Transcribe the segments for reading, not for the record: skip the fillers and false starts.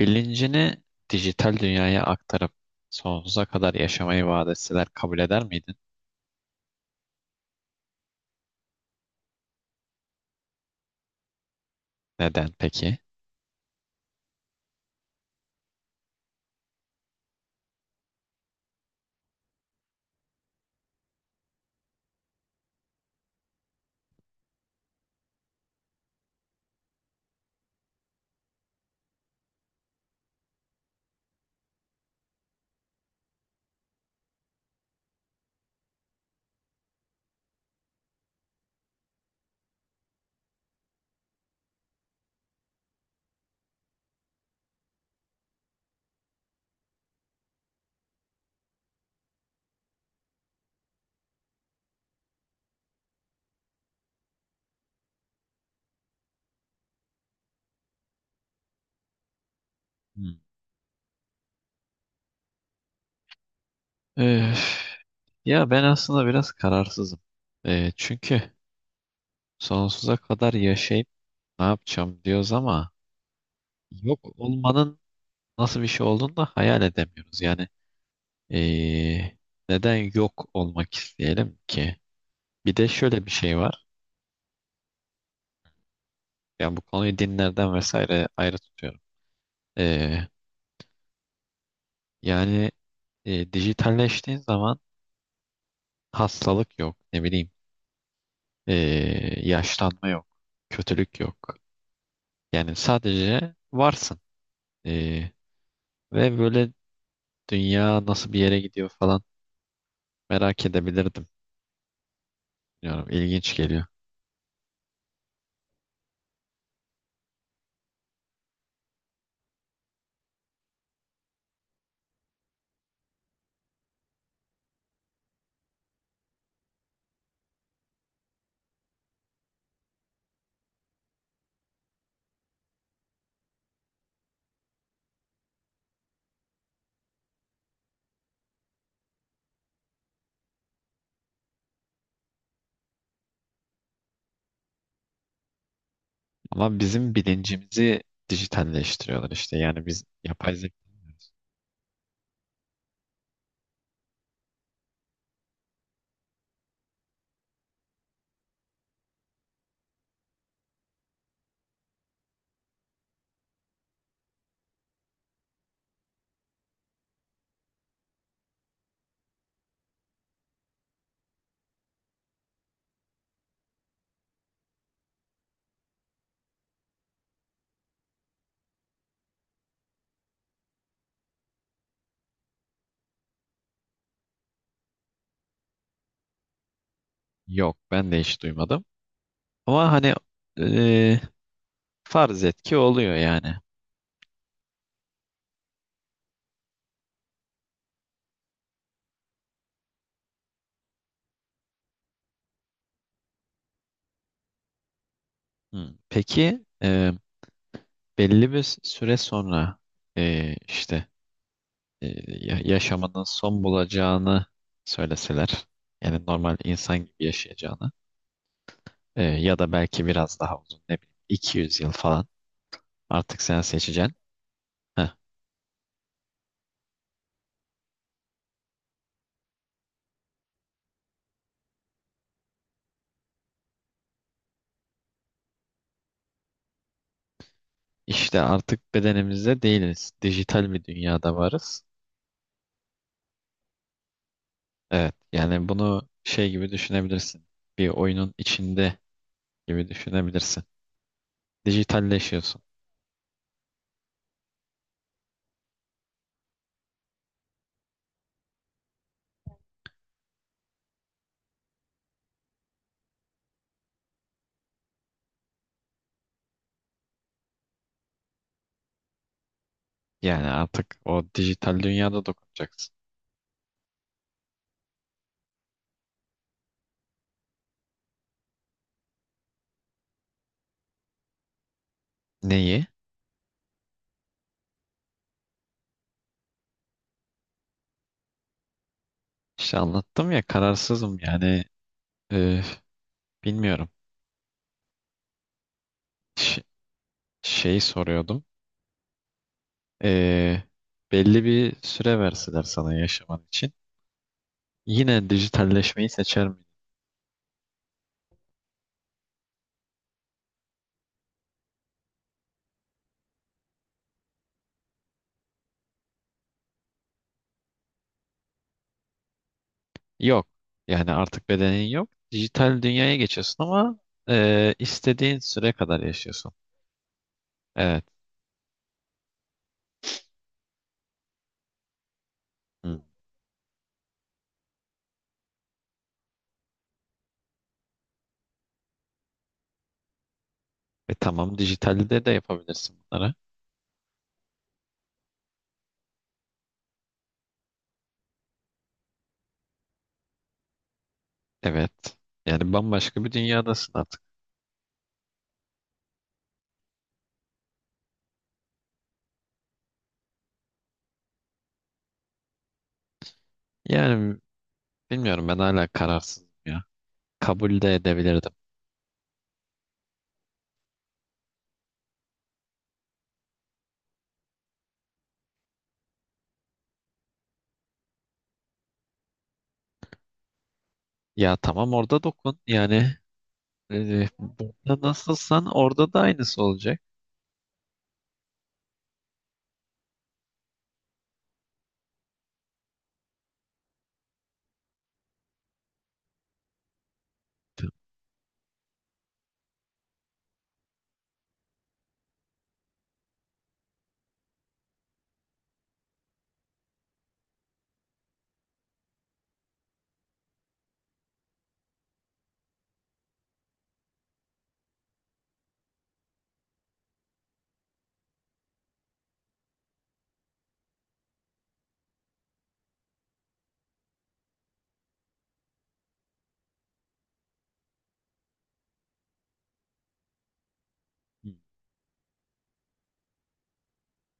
Bilincini dijital dünyaya aktarıp sonsuza kadar yaşamayı vaat etseler kabul eder miydin? Neden peki? Hmm. Öf, ya ben aslında biraz kararsızım. Çünkü sonsuza kadar yaşayıp ne yapacağım diyoruz ama yok olmanın nasıl bir şey olduğunu da hayal edemiyoruz. Yani ee, neden yok olmak isteyelim ki? Bir de şöyle bir şey var. Yani bu konuyu dinlerden vesaire ayrı tutuyorum. Ee, yani dijitalleştiğin zaman hastalık yok, ne bileyim, yaşlanma yok, kötülük yok. Yani sadece varsın. Ee, ve böyle dünya nasıl bir yere gidiyor falan merak edebilirdim. Bilmiyorum, ilginç geliyor. Ama bizim bilincimizi dijitalleştiriyorlar işte. Yani biz yapay zeka bilmiyoruz. Yok, ben de hiç duymadım. Ama hani ee, farz et ki oluyor yani. Hmm, peki belli bir süre sonra işte. e, Yaşamının son bulacağını söyleseler, yani normal insan gibi yaşayacağını, ya da belki biraz daha uzun, ne bileyim, 200 yıl falan, artık sen seçeceksin. Heh, işte artık bedenimizde değiliz. Dijital bir dünyada varız. Evet, yani bunu şey gibi düşünebilirsin. Bir oyunun içinde gibi düşünebilirsin. Dijitalleşiyorsun. Yani artık o dijital dünyada dokunacaksın. Neyi? İşte anlattım ya, kararsızım yani, e, bilmiyorum. Ş- Şeyi soruyordum. E, Belli bir süre verseler sana yaşaman için, yine dijitalleşmeyi seçer miydin? Yok. Yani artık bedenin yok. Dijital dünyaya geçiyorsun ama istediğin süre kadar yaşıyorsun. Evet. Hı. E tamam, dijitalde de yapabilirsin bunları. Evet. Yani bambaşka bir dünyadasın artık. Yani bilmiyorum, ben hala kararsızım ya. Kabul de edebilirdim. Ya tamam, orada dokun. Yani burada nasılsan orada da aynısı olacak.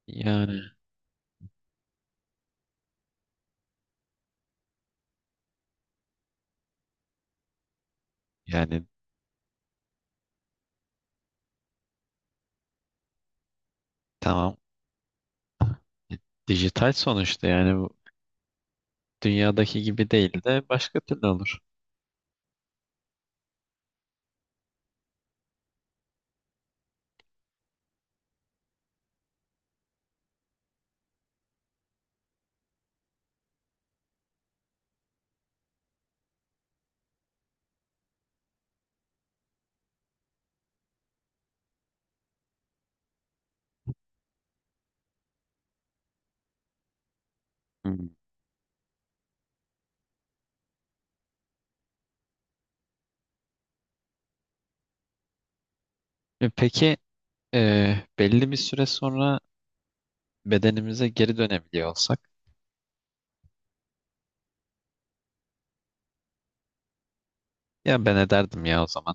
Yani yani tamam. Dijital sonuçta, yani bu dünyadaki gibi değil de başka türlü olur. Hmm. Peki belli bir süre sonra bedenimize geri dönebiliyor olsak, ya ben ederdim ya o zaman.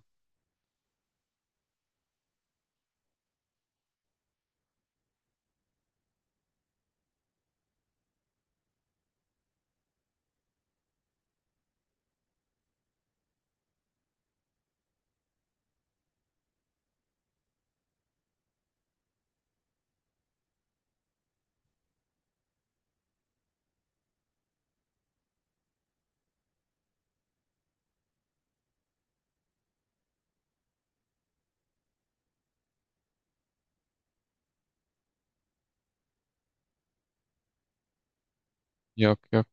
Yok yok.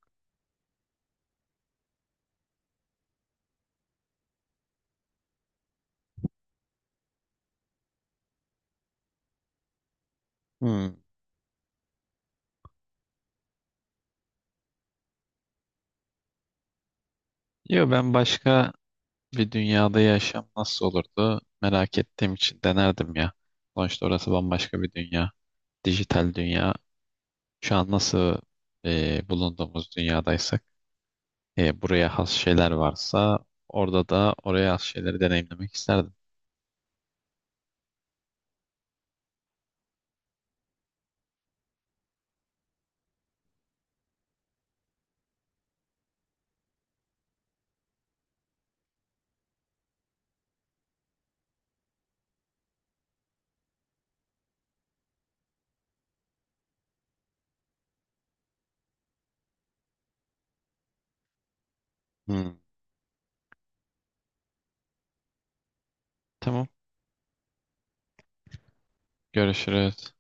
Hmm. Yok, ben başka bir dünyada yaşam nasıl olurdu merak ettiğim için denerdim ya. Sonuçta orası bambaşka bir dünya. Dijital dünya. Şu an nasıl bulunduğumuz dünyadaysak, buraya has şeyler varsa orada da oraya has şeyleri deneyimlemek isterdim. Hmm, tamam. Görüşürüz.